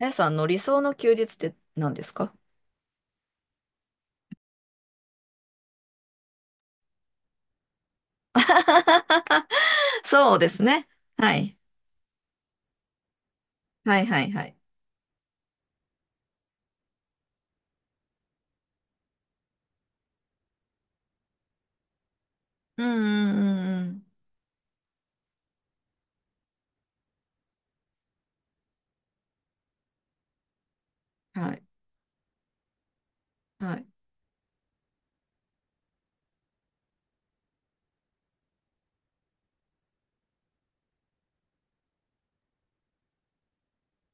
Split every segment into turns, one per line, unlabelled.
あやさんの理想の休日って何ですか？ そうですね。はい。はいはいはい。うんうんうんうん。はい。はい。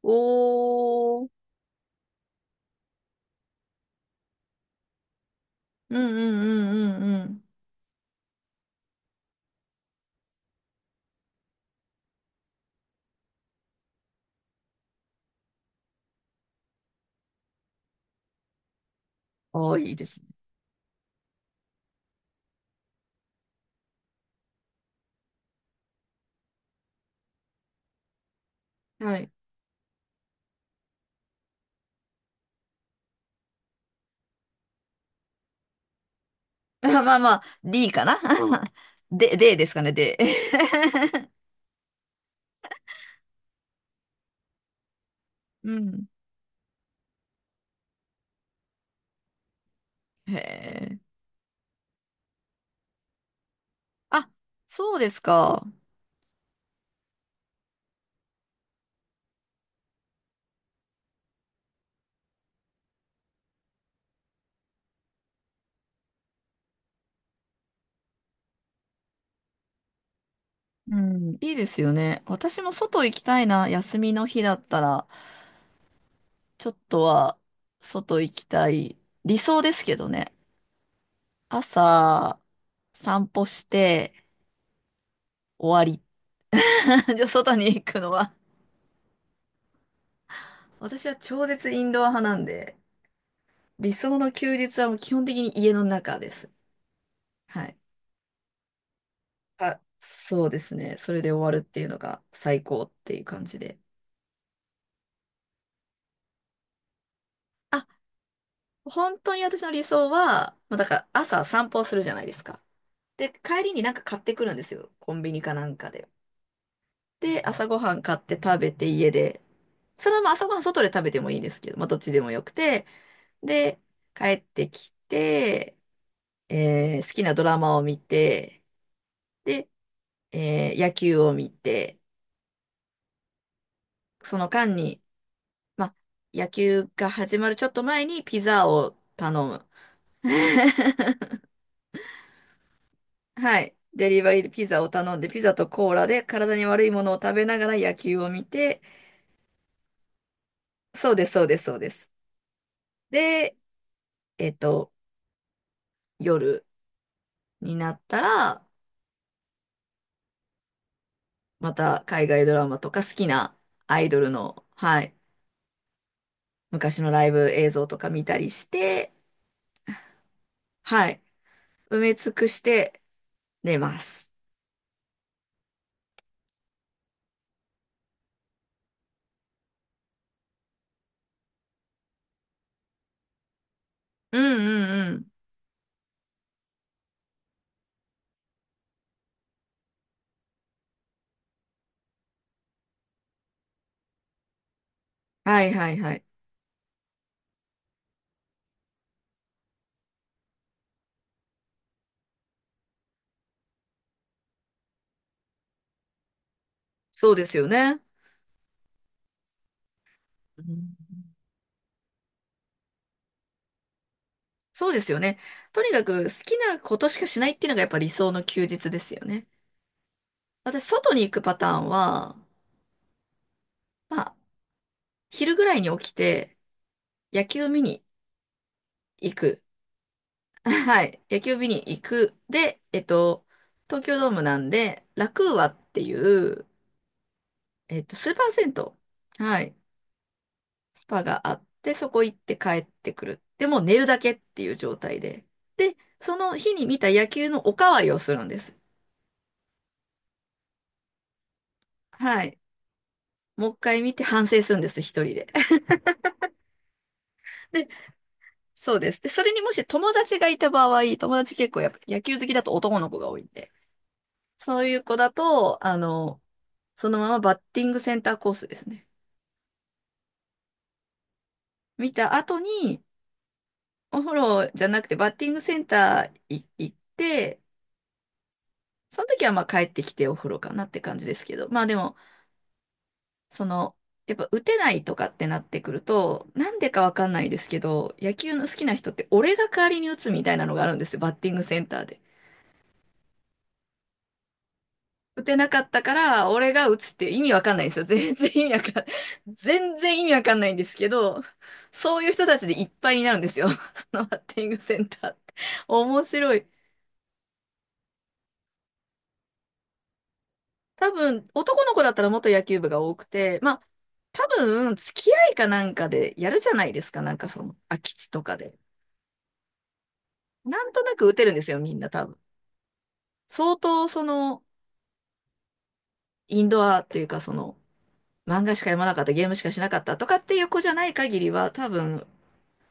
おー。うんうんうんうんうん。おー、いいですね。はい。あまあまあ、D かな で、D ですかね、で。うん。へえ。あ、そうですか。うん、いいですよね。私も外行きたいな、休みの日だったら。ちょっとは外行きたい。理想ですけどね。朝散歩して終わり。じゃあ外に行くのは。私は超絶インドア派なんで、理想の休日はもう基本的に家の中です。はい。あ、そうですね。それで終わるっていうのが最高っていう感じで。あ、本当に私の理想は、まあ、だから朝散歩するじゃないですか。で、帰りになんか買ってくるんですよ。コンビニかなんかで。で、朝ごはん買って食べて家で、そのまま朝ごはん外で食べてもいいですけど、まあどっちでもよくて、で、帰ってきて、好きなドラマを見て、で、野球を見て、その間に、まあ、野球が始まるちょっと前にピザを頼む。はい。デリバリーでピザを頼んで、ピザとコーラで体に悪いものを食べながら野球を見て、そうです、そうです、そうです。で、えっと、夜になったら、また海外ドラマとか好きなアイドルの、はい、昔のライブ映像とか見たりして、はい、埋め尽くして寝ます。うんうんうん。はいはいはい。そうですよね。うん。そうですよね。とにかく好きなことしかしないっていうのがやっぱ理想の休日ですよね。私、外に行くパターンは、まあ、昼ぐらいに起きて野球見に行く。 はい。野球見に行く。で、東京ドームなんで、ラクーアっていう、スーパー銭湯。はい。スパがあって、そこ行って帰ってくる。で、もう寝るだけっていう状態で。で、その日に見た野球のおかわりをするんです。はい。もう一回見て反省するんです、一人で。で、そうです。で、それにもし友達がいた場合、友達結構やっぱ野球好きだと男の子が多いんで、そういう子だと、そのままバッティングセンターコースですね。見た後に、お風呂じゃなくてバッティングセンターい行って、その時はまあ帰ってきてお風呂かなって感じですけど、まあでも、その、やっぱ打てないとかってなってくると、なんでかわかんないですけど、野球の好きな人って俺が代わりに打つみたいなのがあるんですよ、バッティングセンターで。打てなかったから、俺が打つって意味わかんないんですよ。全然意味わかんないんですけど、そういう人たちでいっぱいになるんですよ。そのバッティングセンターって。面白い。多分、男の子だったら元野球部が多くて、まあ、多分、付き合いかなんかでやるじゃないですか、なんかその、空き地とかで。なんとなく打てるんですよ、みんな多分。相当、インドアっていうか、漫画しか読まなかった、ゲームしかしなかったとかっていう子じゃない限りは、多分、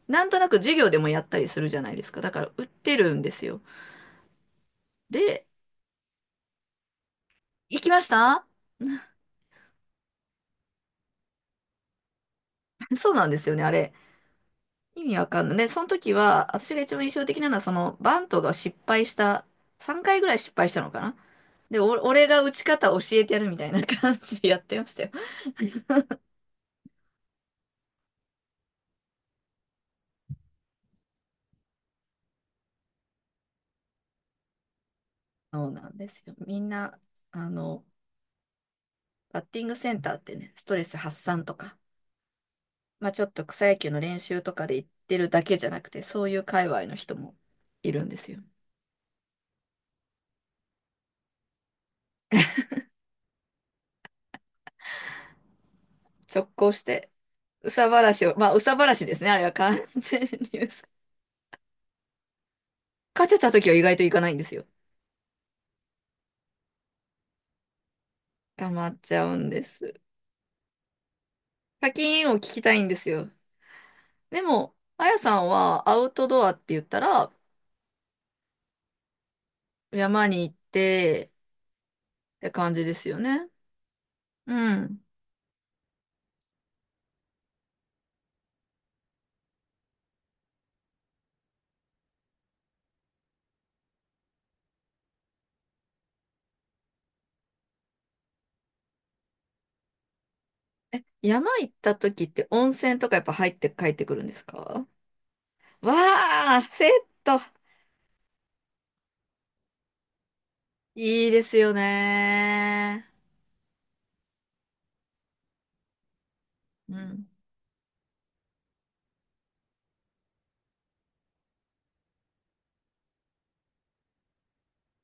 なんとなく授業でもやったりするじゃないですか。だから、打ってるんですよ。で、行きました。 そうなんですよね、あれ。意味わかんない。で、その時は、私が一番印象的なのは、バントが失敗した、3回ぐらい失敗したのかな？で、俺が打ち方教えてやるみたいな感じでやってましたよ。そうなんですよ。みんな、あの、バッティングセンターってね、ストレス発散とか、まあちょっと草野球の練習とかで行ってるだけじゃなくて、そういう界隈の人もいるんですよ。直行して、憂さ晴らしを、まあ憂さ晴らしですね、あれは完全に憂さ。勝てた時は意外といかないんですよ。溜まっちゃうんです。課金を聞きたいんですよ。でも、あやさんはアウトドアって言ったら、山に行ってって感じですよね。うん。山行った時って温泉とかやっぱ入って帰ってくるんですか？わあ、セット。いいですよね。うん。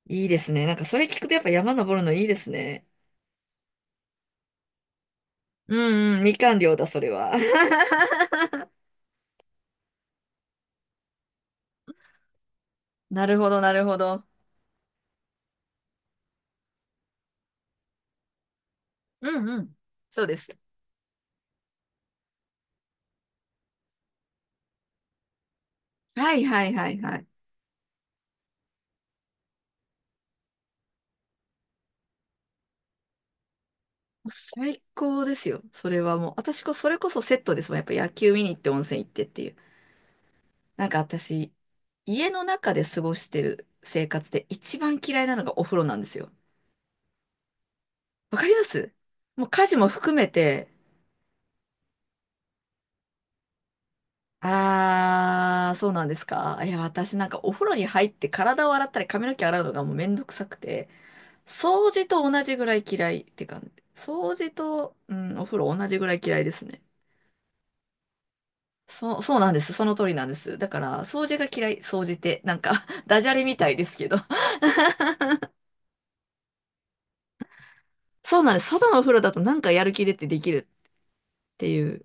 いいですね。なんかそれ聞くとやっぱ山登るのいいですね。うんうん、みかん寮だ、それは。なるほど、なるほど。うんうん。そうです。はいはいはいはい。最高ですよ。それはもう。それこそセットですもん。やっぱ野球見に行って温泉行ってっていう。なんか私、家の中で過ごしてる生活で一番嫌いなのがお風呂なんですよ。わかります。もう家事も含めて、あー、そうなんですか。いや、私なんかお風呂に入って体を洗ったり髪の毛洗うのがもうめんどくさくて、掃除と同じぐらい嫌いって感じ。掃除と、うん、お風呂同じぐらい嫌いですね。そう、そうなんです。その通りなんです。だから、掃除が嫌い、掃除って、なんか ダジャレみたいですけど。そうなんです。外のお風呂だとなんかやる気出てできるっていう。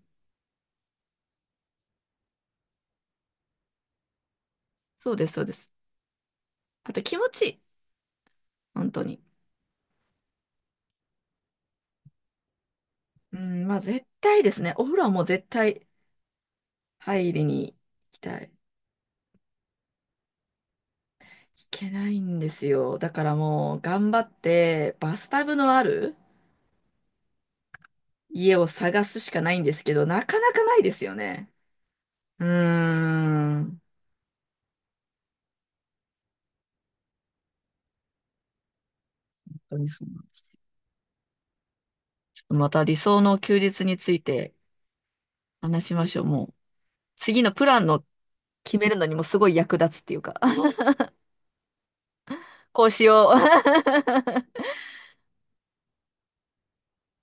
そうです、そうです。あと気持ちいい。本当に。うん、まあ絶対ですね。お風呂はもう絶対入りに行きたい。行けないんですよ。だからもう頑張ってバスタブのある家を探すしかないんですけど、なかなかないですよね。うーん。本当にそう。また理想の休日について話しましょう。もう、次のプランの決めるのにもすごい役立つっていうか、こうしよう。